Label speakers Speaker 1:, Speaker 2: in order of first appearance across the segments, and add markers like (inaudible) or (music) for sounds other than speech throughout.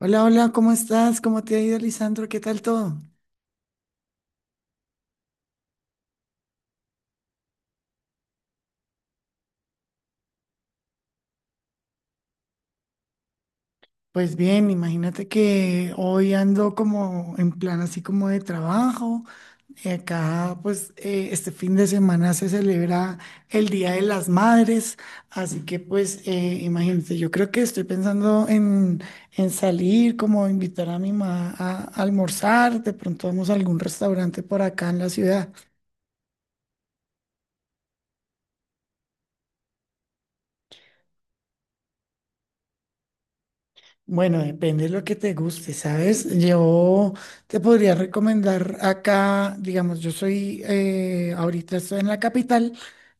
Speaker 1: Hola, hola, ¿cómo estás? ¿Cómo te ha ido, Lisandro? ¿Qué tal todo? Pues bien, imagínate que hoy ando como en plan así como de trabajo. Acá, pues, este fin de semana se celebra el Día de las Madres, así que, pues, imagínate, yo creo que estoy pensando en salir, como invitar a mi mamá a almorzar, de pronto vamos a algún restaurante por acá en la ciudad. Bueno, depende de lo que te guste, ¿sabes? Yo te podría recomendar acá, digamos, yo soy, ahorita estoy en la capital,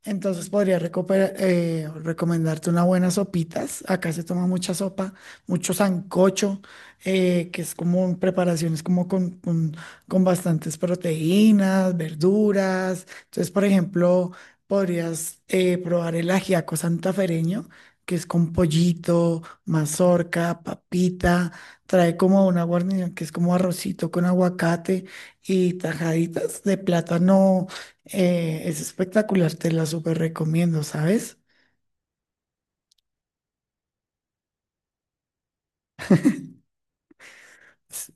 Speaker 1: entonces recomendarte unas buenas sopitas. Acá se toma mucha sopa, mucho sancocho, que es como preparaciones como con bastantes proteínas, verduras. Entonces, por ejemplo, podrías probar el ajiaco santafereño que es con pollito, mazorca, papita, trae como una guarnición que es como arrocito con aguacate y tajaditas de plátano. Es espectacular, te la súper recomiendo, ¿sabes? S-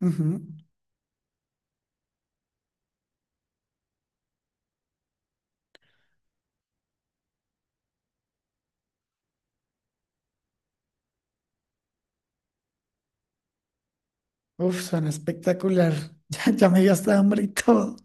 Speaker 1: Ujú. Uf, suena espectacular. (laughs) Ya me dio hasta hambre y todo.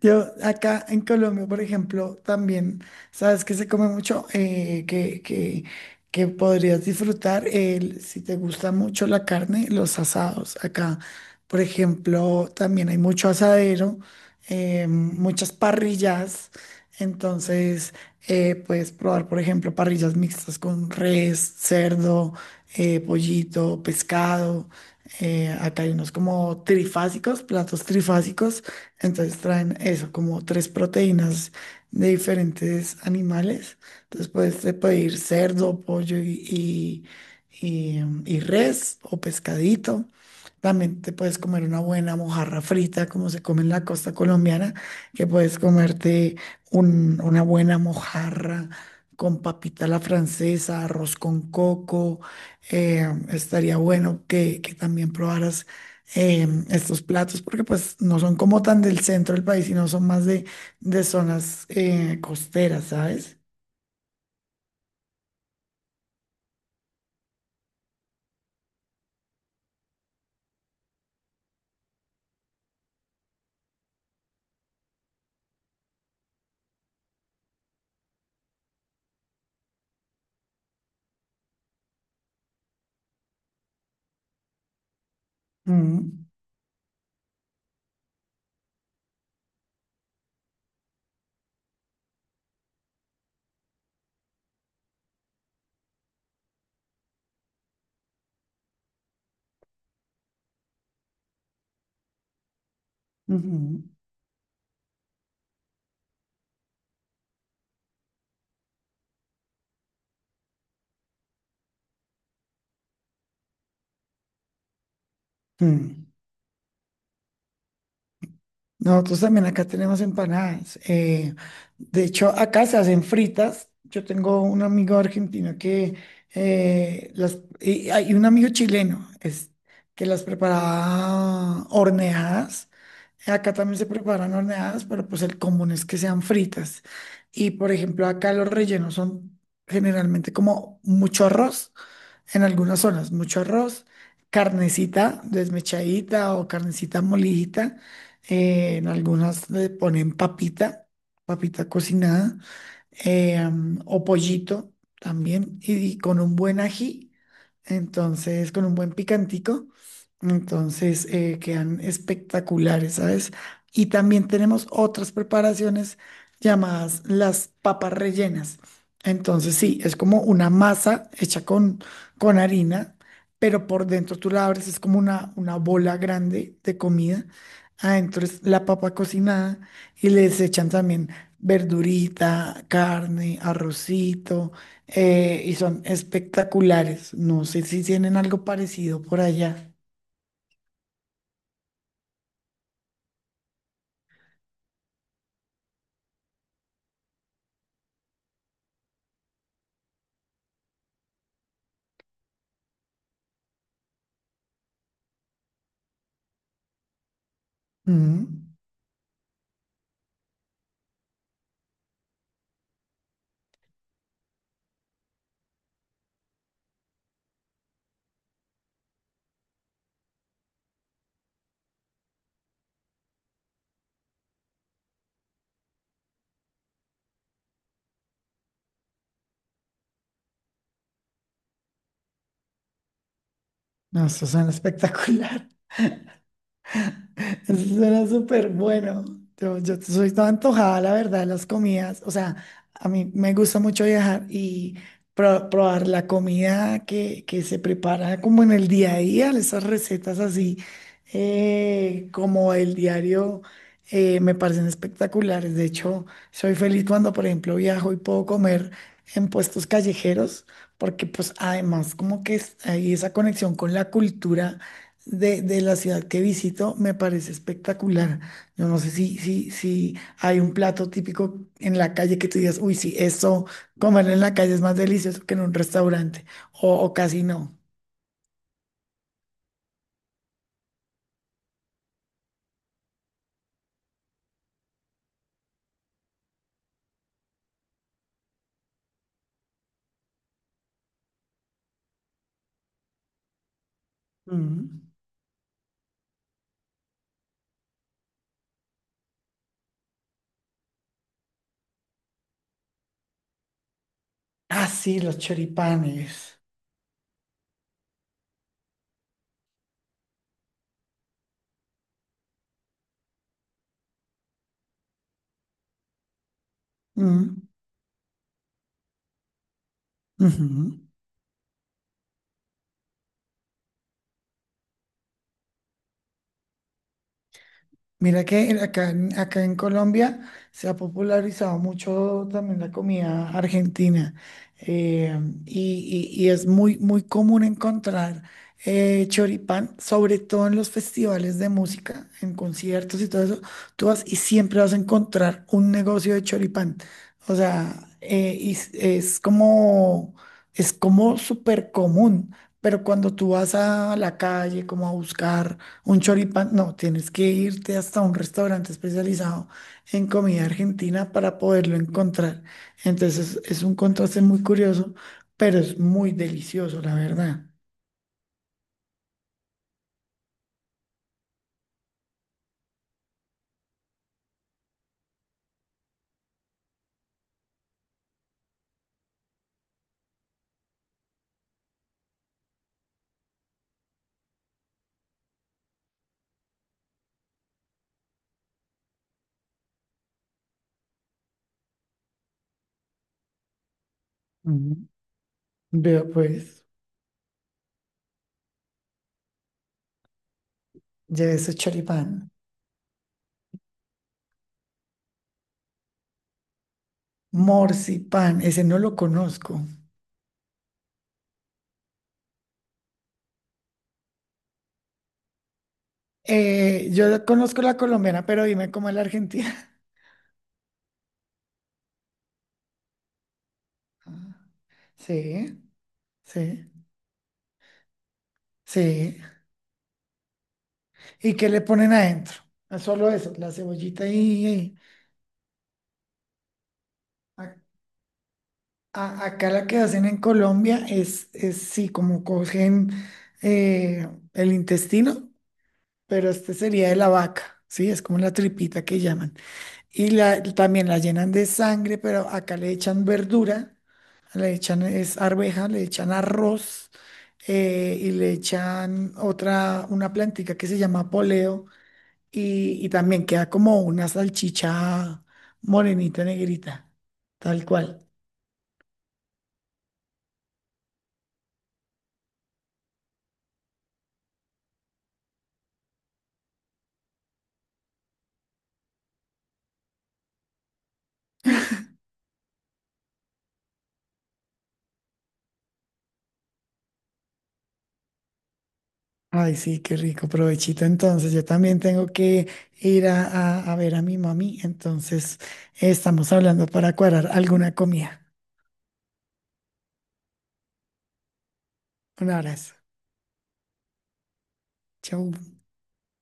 Speaker 1: Yo acá en Colombia, por ejemplo, también, sabes que se come mucho. Que podrías disfrutar, el, si te gusta mucho la carne, los asados. Acá, por ejemplo, también hay mucho asadero, muchas parrillas, entonces puedes probar, por ejemplo, parrillas mixtas con res, cerdo, pollito, pescado. Acá hay unos como trifásicos, platos trifásicos, entonces traen eso, como tres proteínas de diferentes animales. Entonces puedes te pedir cerdo, pollo y res o pescadito. También te puedes comer una buena mojarra frita, como se come en la costa colombiana, que puedes comerte una buena mojarra con papita a la francesa, arroz con coco. Estaría bueno que también probaras estos platos porque pues no son como tan del centro del país, sino son más de zonas costeras, ¿sabes? Mm, ujú, mm. Nosotros también acá tenemos empanadas. De hecho, acá se hacen fritas. Yo tengo un amigo argentino que las y hay un amigo chileno es, que las preparaba horneadas. Acá también se preparan horneadas, pero pues el común es que sean fritas. Y por ejemplo, acá los rellenos son generalmente como mucho arroz, en algunas zonas, mucho arroz, carnecita desmechadita o carnecita molidita, en algunas le ponen papita, papita cocinada, o pollito también, y con un buen ají, entonces, con un buen picantico, entonces quedan espectaculares, ¿sabes? Y también tenemos otras preparaciones llamadas las papas rellenas. Entonces, sí, es como una masa hecha con harina, pero por dentro tú la abres, es como una bola grande de comida. Adentro es la papa cocinada y les echan también verdurita, carne, arrocito, y son espectaculares. No sé si tienen algo parecido por allá. Mm, no, estos son espectacular. Eso suena súper bueno. Yo soy toda antojada, la verdad, de las comidas. O sea, a mí me gusta mucho viajar y probar la comida que se prepara como en el día a día, esas recetas así como el diario, me parecen espectaculares. De hecho, soy feliz cuando, por ejemplo, viajo y puedo comer en puestos callejeros, porque pues además como que hay esa conexión con la cultura de la ciudad que visito, me parece espectacular. Yo no sé si hay un plato típico en la calle que tú digas, uy, sí, eso, comerlo en la calle es más delicioso que en un restaurante, o casi no. Mm. Ah, sí, los choripanes. Mm, ujú. Mira que acá, acá en Colombia se ha popularizado mucho también la comida argentina, eh, y es muy, muy común encontrar choripán, sobre todo en los festivales de música, en conciertos y todo eso. Tú vas y siempre vas a encontrar un negocio de choripán. O sea, y es como súper común, pero cuando tú vas a la calle como a buscar un choripán, no, tienes que irte hasta un restaurante especializado en comida argentina para poderlo encontrar. Entonces es un contraste muy curioso, pero es muy delicioso, la verdad. Ujú. Veo pues, lleve ese choripán. Morcipán, ese no lo conozco. Conozco la colombiana, pero dime cómo es la argentina. (laughs) Ah, sí, sí, sí. ¿Y qué le ponen adentro? Ah, solo eso, la cebollita y acá la que hacen en Colombia es sí, como cogen el intestino, pero este sería de la vaca, sí, es como la tripita que llaman. Y la, también la llenan de sangre, pero acá le echan verdura, le echan es arveja, le echan arroz, y le echan otra, una plantica que se llama poleo, y también queda como una salchicha morenita negrita, tal cual. Ay, sí, qué rico, provechito. Entonces, yo también tengo que ir a, a ver a mi mami. Entonces, estamos hablando para cuadrar alguna comida. Un abrazo. Chau.